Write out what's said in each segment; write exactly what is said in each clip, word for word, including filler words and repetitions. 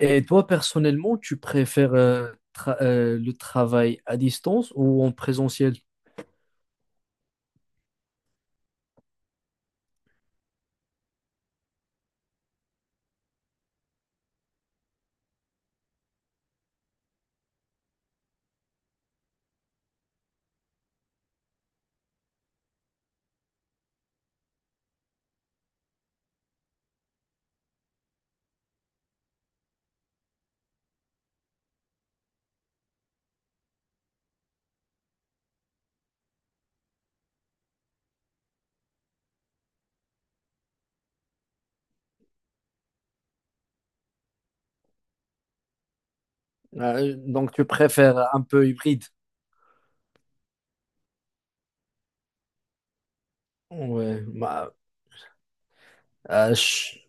Et toi, personnellement, tu préfères euh, tra- euh, le travail à distance ou en présentiel? Euh, donc, tu préfères un peu hybride? Ouais, bah, euh, je,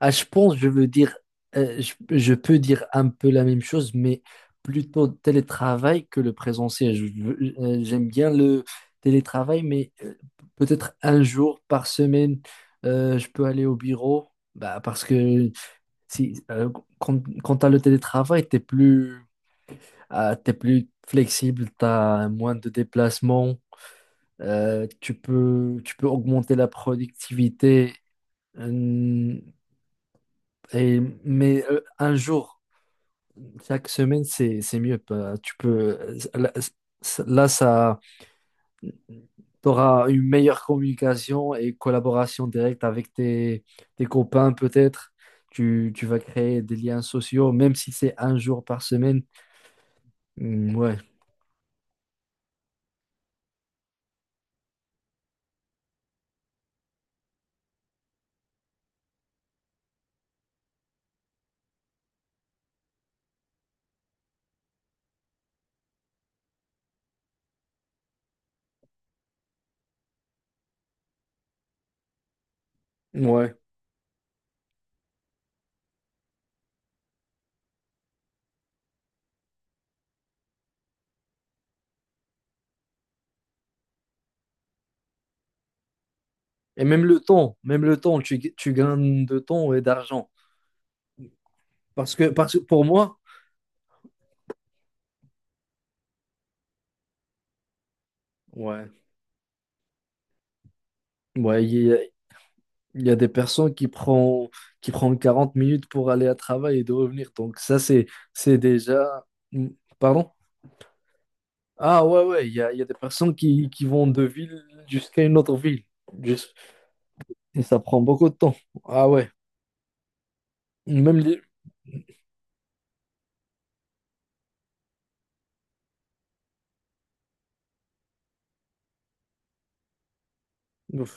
ah, je pense, je veux dire, euh, je, je peux dire un peu la même chose, mais plutôt télétravail que le présentiel. Je veux- euh, j'aime bien le télétravail, mais euh, peut-être un jour par semaine, euh, je peux aller au bureau, bah, parce que si, euh, quand, quand tu as le télétravail, tu es plus Euh, t'es plus flexible, t'as moins de déplacements, euh, tu peux, tu peux augmenter la productivité. euh, et, mais euh, un jour, chaque semaine, c'est, c'est mieux. euh, Tu peux, euh, là, là, ça, t'auras une meilleure communication et collaboration directe avec tes, tes copains, peut-être. Tu, tu vas créer des liens sociaux, même si c'est un jour par semaine. Mm, Ouais, ouais. Et même le temps, même le temps, tu, tu gagnes de temps et d'argent. Parce que, parce que pour moi, ouais, ouais, il y, a- il y a des personnes qui prennent qui prend quarante minutes pour aller à travail et de revenir. Donc ça, c'est, c'est déjà… Hmm, Pardon? Ah ouais, ouais, il y a, il y a des personnes qui, qui vont de ville jusqu'à une autre ville. Juste- Et ça prend beaucoup de temps. Ah ouais. Même les… Ouf.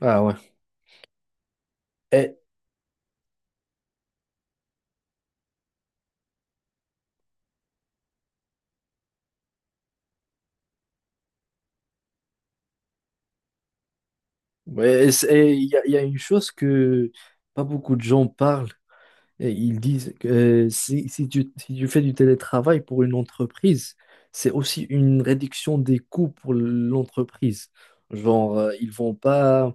Ah ouais. Et ouais, et c'est- et il y a, il y a une chose que pas beaucoup de gens parlent, et ils disent que euh, si, si tu, si tu fais du télétravail pour une entreprise, c'est aussi une réduction des coûts pour l'entreprise. Genre, euh, ils vont pas,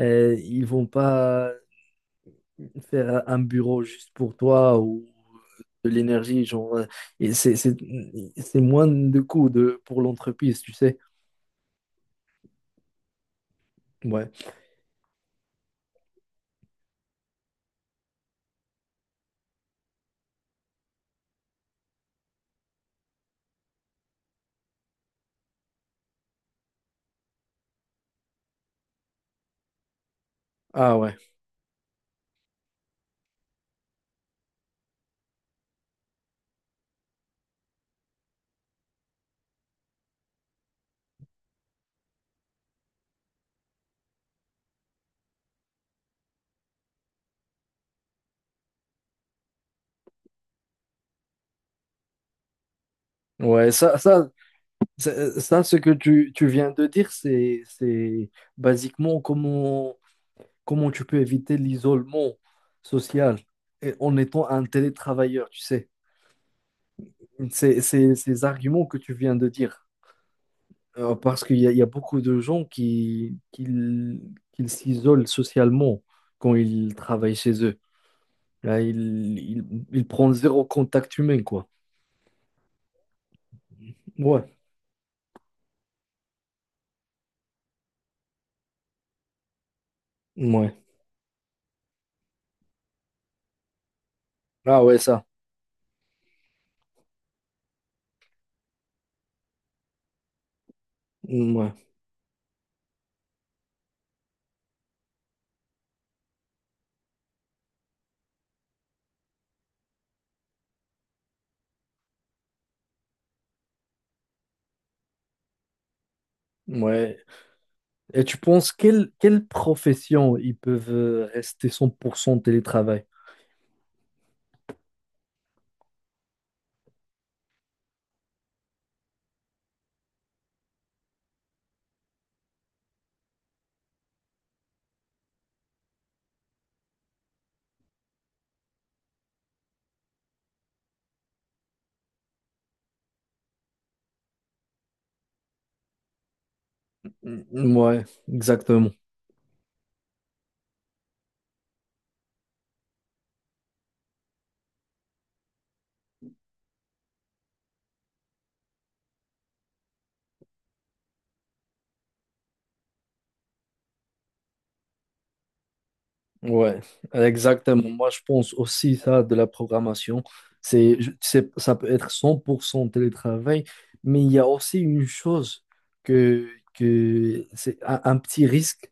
euh, ils vont pas faire un bureau juste pour toi ou de l'énergie. Genre, euh, et c'est, c'est, c'est moins de coûts de, pour l'entreprise, tu sais. Ouais. Ah ouais. Ouais, ça, ça, ça, ça, ce que tu, tu viens de dire, c'est, c'est basiquement comment comment tu peux éviter l'isolement social et- en étant un télétravailleur, tu sais? C'est c'est- ces arguments que tu viens de dire. Euh, parce qu'il y a, il y a beaucoup de gens qui, qui, qui s'isolent socialement quand ils travaillent chez eux. Là, ils, ils, ils prennent zéro contact humain, quoi. Ouais, ouais. Ah ouais, ça. Ouais, ouais. Et tu penses quelle, quelle profession ils peuvent euh, rester cent pour cent télétravail? Mm, Ouais, exactement. Ouais, exactement. Moi, je pense aussi ça de la programmation. C'est, je- c'est- ça peut être cent pour cent télétravail, mais il y a aussi une chose que, que c'est un, un petit risque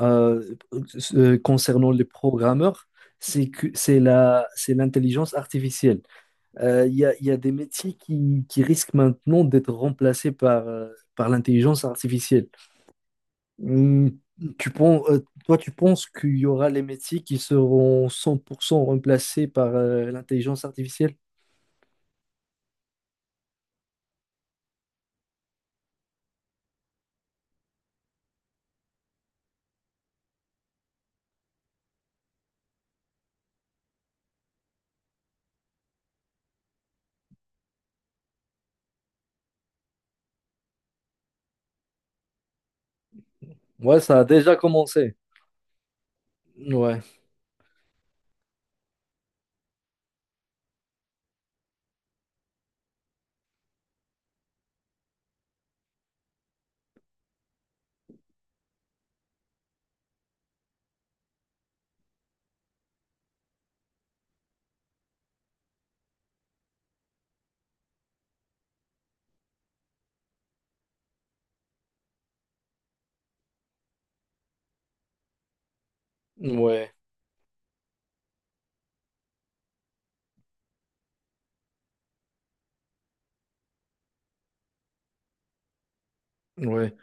euh, euh, concernant les programmeurs, c'est que c'est la, c'est l'intelligence artificielle. Euh, Il y a, il y a des métiers qui, qui risquent maintenant d'être remplacés par, euh, par l'intelligence artificielle. Hmm. Tu penses, euh, toi, tu penses qu'il y aura les métiers qui seront cent pour cent remplacés par euh, l'intelligence artificielle? Ouais, ça a déjà commencé. Ouais, ouais, ouais.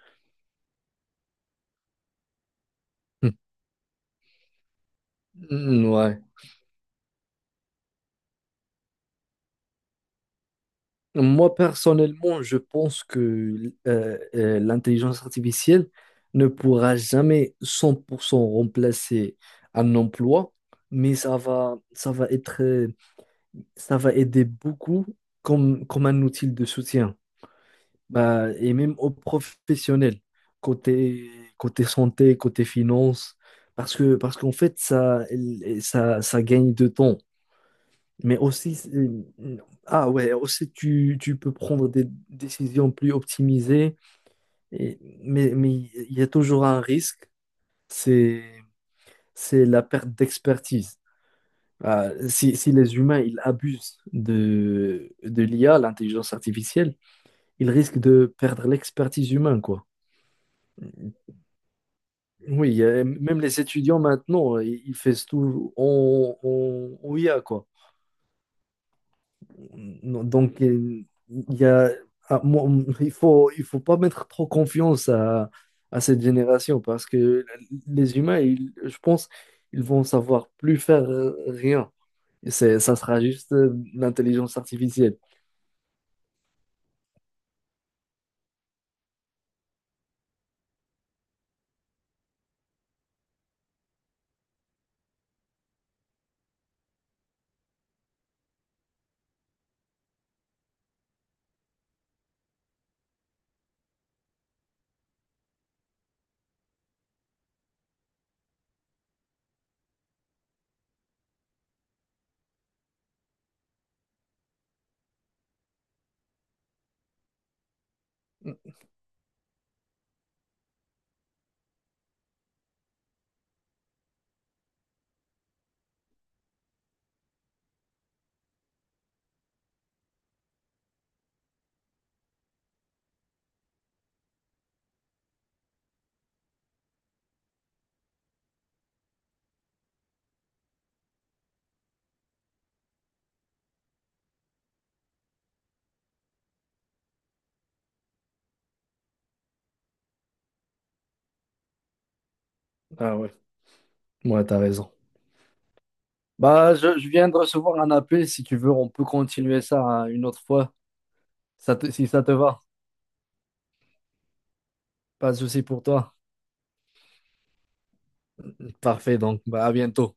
Hmm, ouais. Moi, personnellement, je pense que euh, euh, l'intelligence artificielle ne pourra jamais cent pour cent remplacer un emploi, mais ça va, ça va être, euh, ça va aider beaucoup comme, comme un outil de soutien. Bah, et même aux professionnels, côté, côté santé, côté finance, parce que, parce qu'en fait, ça, ça, ça gagne de temps. Mais aussi, c'est- ah ouais, aussi tu, tu peux prendre des décisions plus optimisées, et, mais, mais il y a toujours un risque, c'est, c'est la perte d'expertise. Ah, si, si les humains ils abusent de, de l'I A, l'intelligence artificielle, ils risquent de perdre l'expertise humaine, quoi. Oui, euh, même les étudiants maintenant, euh, ils ils font tout en, en- en I a quoi. Non, donc, euh, il y a, ah, moi, il faut, il faut pas mettre trop confiance à, à cette génération parce que les humains, ils- je pense, ils vont savoir plus faire euh, rien. Et C'est, ça sera juste euh, l'intelligence artificielle. Ah ouais, ouais, t'as raison. Bah, je, je viens de recevoir un appel. Si tu veux, on peut continuer ça hein, une autre fois, ça te- si ça te va. Pas de souci pour toi. Parfait, donc bah, à bientôt.